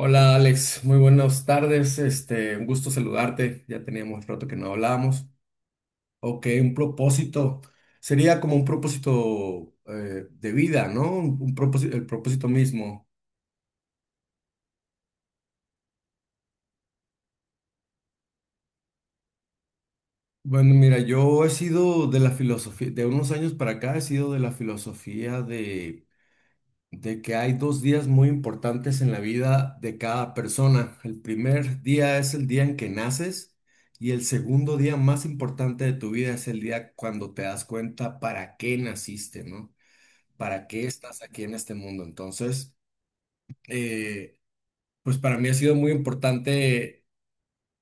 Hola Alex, muy buenas tardes. Este, un gusto saludarte. Ya teníamos rato que no hablábamos. Ok, un propósito. Sería como un propósito de vida, ¿no? Un, propósito, el propósito mismo. Bueno, mira, yo he sido de la filosofía, de unos años para acá he sido de la filosofía de que hay dos días muy importantes en la vida de cada persona. El primer día es el día en que naces y el segundo día más importante de tu vida es el día cuando te das cuenta para qué naciste, ¿no? ¿Para qué estás aquí en este mundo? Entonces, eh, pues para mí ha sido muy importante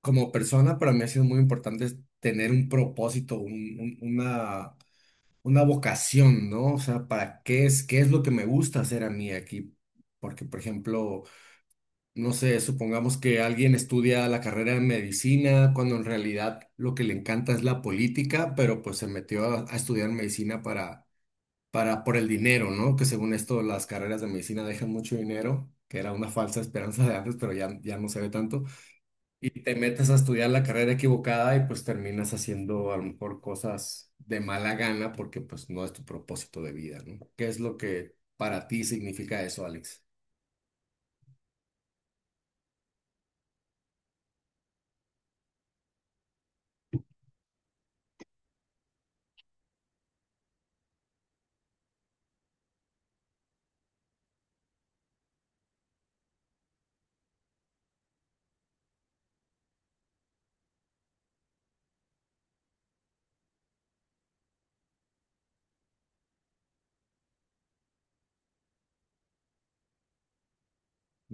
como persona, para mí ha sido muy importante tener un propósito, una... Una vocación, ¿no? O sea, ¿para qué es lo que me gusta hacer a mí aquí? Porque, por ejemplo, no sé, supongamos que alguien estudia la carrera de medicina cuando en realidad lo que le encanta es la política, pero pues se metió a estudiar medicina para, por el dinero, ¿no? Que según esto las carreras de medicina dejan mucho dinero, que era una falsa esperanza de antes, pero ya, ya no se ve tanto. Y te metes a estudiar la carrera equivocada y pues terminas haciendo a lo mejor cosas de mala gana porque pues no es tu propósito de vida, ¿no? ¿Qué es lo que para ti significa eso, Alex?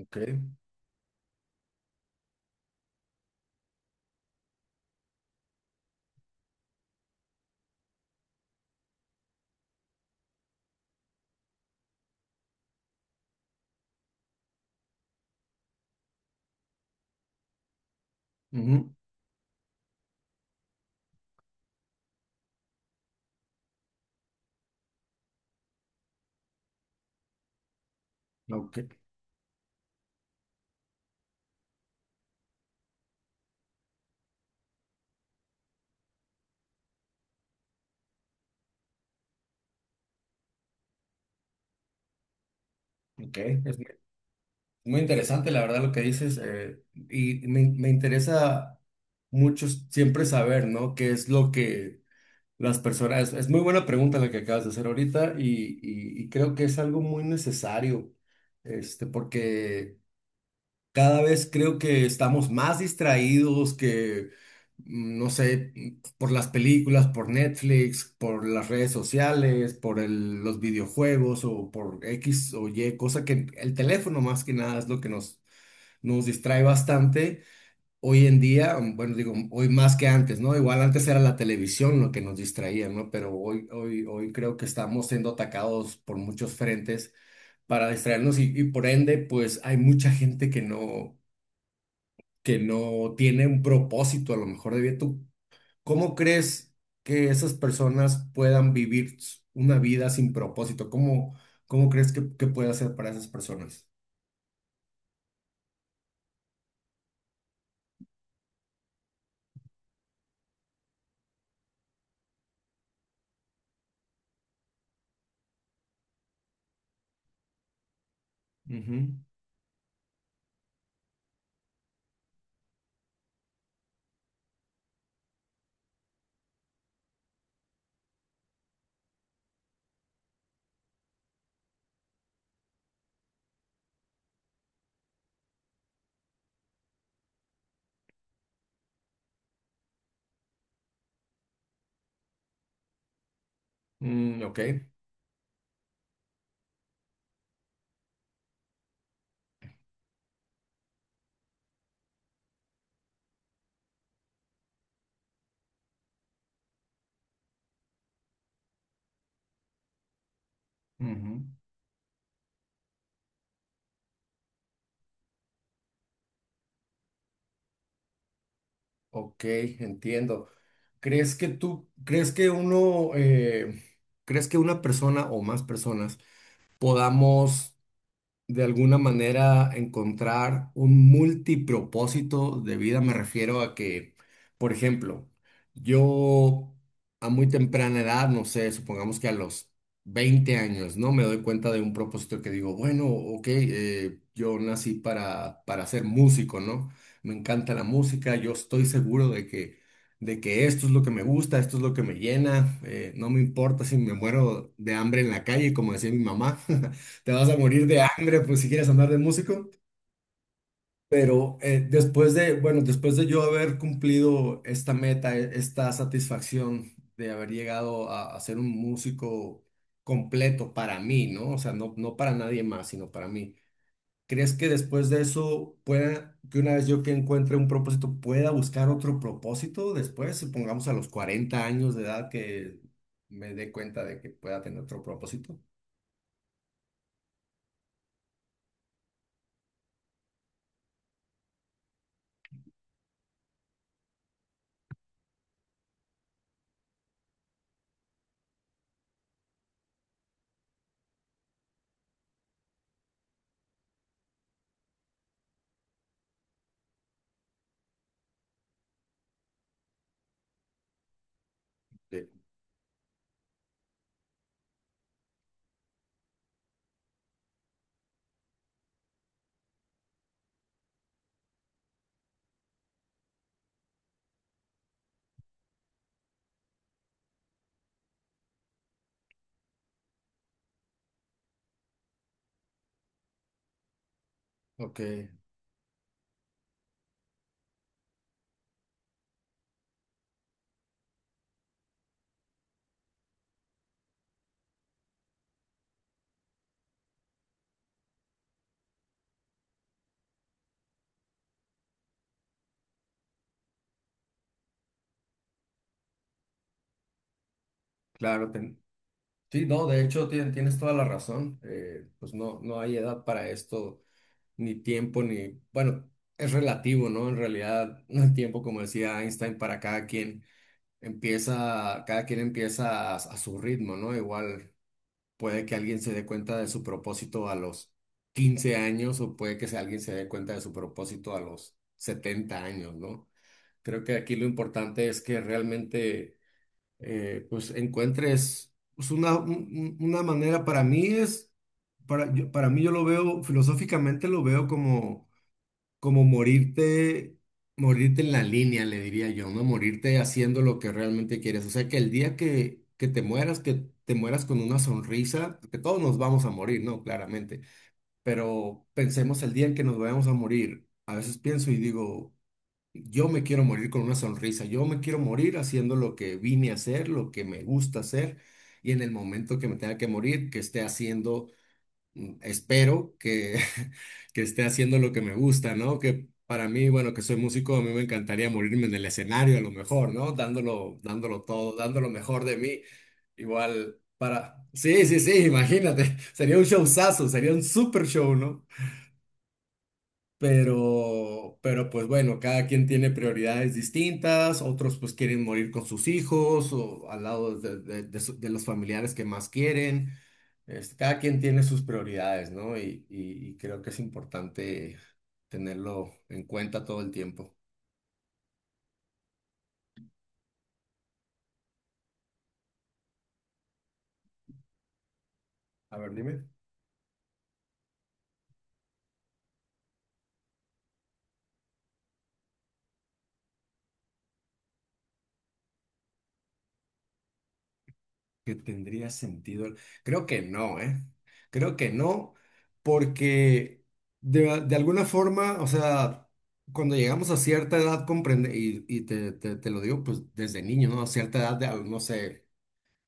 Ok. Ujú. Ok, ok, es muy interesante, la verdad, lo que dices. Y me interesa mucho siempre saber, ¿no? ¿Qué es lo que las personas... es muy buena pregunta la que acabas de hacer ahorita y, y creo que es algo muy necesario, este, porque... Cada vez creo que estamos más distraídos que, mm, no sé, mm, por las películas, por Netflix, por las redes sociales, por los videojuegos o por X o Y, cosa que el teléfono más que nada es lo que nos, nos distrae bastante. Hoy en día, mm, bueno, digo, hoy más que antes, ¿no? Igual antes era la televisión lo que nos distraía, ¿no? Pero hoy creo que estamos siendo atacados por muchos frentes para distraernos y por ende, pues hay mucha gente que no tiene un propósito a lo mejor de vida. ¿Tú cómo crees que esas personas puedan vivir s- una vida sin propósito? ¿Cómo, cómo crees que puede hacer para esas personas? Ujú. Mm, ok. Ujú. Ok, entiendo. ¿Crees que tú, crees que uno, crees que una persona o más personas podamos de alguna manera encontrar un multipropósito de vida. Me refiero a que, por ejemplo, yo a muy temprana edad, no sé, supongamos que a los 20 años, ¿no? Me doy cuenta de un propósito que digo, bueno, ok, yo nací para ser músico, ¿no? Me encanta la música, yo estoy seguro de que esto es lo que me gusta, esto es lo que me llena, no me importa si me muero de hambre en la calle, como decía mi mamá. Te vas a morir de hambre, pues si quieres andar de músico. Pero después de, bueno, después de yo haber cumplido esta meta, e- esta satisfacción de haber llegado a ser un músico completo para mí, ¿no? O sea, no, no para nadie más, sino para mí. ¿Crees que después de eso pueda, que una vez yo que encuentre un propósito, pueda buscar otro propósito después? Supongamos a los 40 años de edad que me dé cuenta de que pueda tener otro propósito. Sí. Ok, claro, te, sí, no, de hecho tien- tienes toda la razón. Pues no, no hay edad para esto, ni tiempo, ni... Bueno, es relativo, ¿no? En realidad, el tiempo, como decía Einstein, para cada quien empieza a su ritmo, ¿no? Igual puede que alguien se dé cuenta de su propósito a los 15 años o puede que sea alguien se dé cuenta de su propósito a los 70 años, ¿no? Creo que aquí lo importante es que realmente pues encuentres pues, una, una manera, para mí es, para, yo- para mí yo lo veo, filosóficamente lo veo como, como morirte, morirte en la línea, le diría yo, ¿no? Morirte haciendo lo que realmente quieres. O sea, que el día que te mueras con una sonrisa, porque todos nos vamos a morir, ¿no? Claramente, pero pensemos el día en que nos vayamos a morir. A veces pienso y digo... Yo me quiero morir con una sonrisa, yo me quiero morir haciendo lo que vine a hacer, lo que me gusta hacer, y en el momento que me tenga que morir, que esté haciendo, espero que, que esté haciendo lo que me gusta, ¿no? Que para mí, bueno, que soy músico, a mí me encantaría morirme en el escenario a lo mejor, ¿no? Dándolo, dándolo todo, dando lo mejor de mí. Igual, para... Sí, sí, sí, imagínate, sería un showzazo, sería un super show, ¿no? Pero pues bueno, cada quien tiene prioridades distintas, otros pues quieren morir con sus hijos o al lado de, de de los familiares que más quieren. Este, cada quien tiene sus prioridades, ¿no? Y, y creo que es importante tenerlo en cuenta todo el tiempo. A ver, dime. Que tendría sentido. Creo que no, ¿eh? Creo que no, porque de alguna forma, o sea, cuando llegamos a cierta edad, comprende, y te, te lo digo pues desde niño, ¿no? A cierta edad, de- no sé,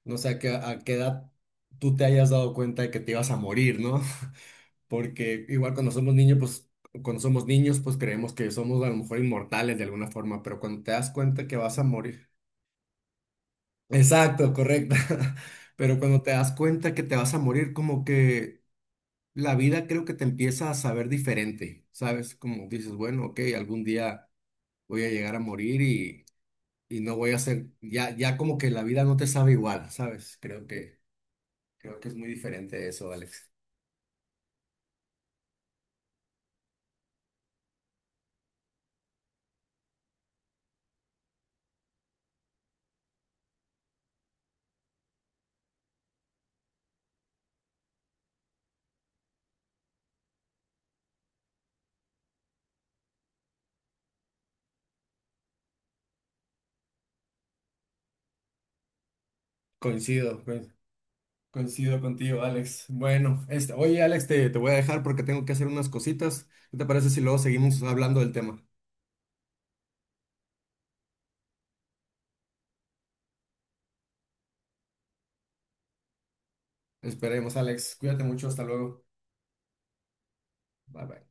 no sé a qué edad tú te hayas dado cuenta de que te ibas a morir, ¿no? Porque igual cuando somos niños, pues cuando somos niños, pues creemos que somos a lo mejor inmortales de alguna forma, pero cuando te das cuenta que vas a morir, exacto, correcta. Pero cuando te das cuenta que te vas a morir, como que la vida creo que te empieza a saber diferente, ¿sabes? Como dices, bueno, ok, algún día voy a llegar a morir y no voy a ser, ya, ya como que la vida no te sabe igual, ¿sabes? Creo que es muy diferente eso, Alex. Coincido, coin- coincido contigo, Alex. Bueno, este, oye, Alex, te voy a dejar porque tengo que hacer unas cositas. ¿Qué te parece si luego seguimos hablando del tema? Esperemos, Alex. Cuídate mucho, hasta luego. Bye bye.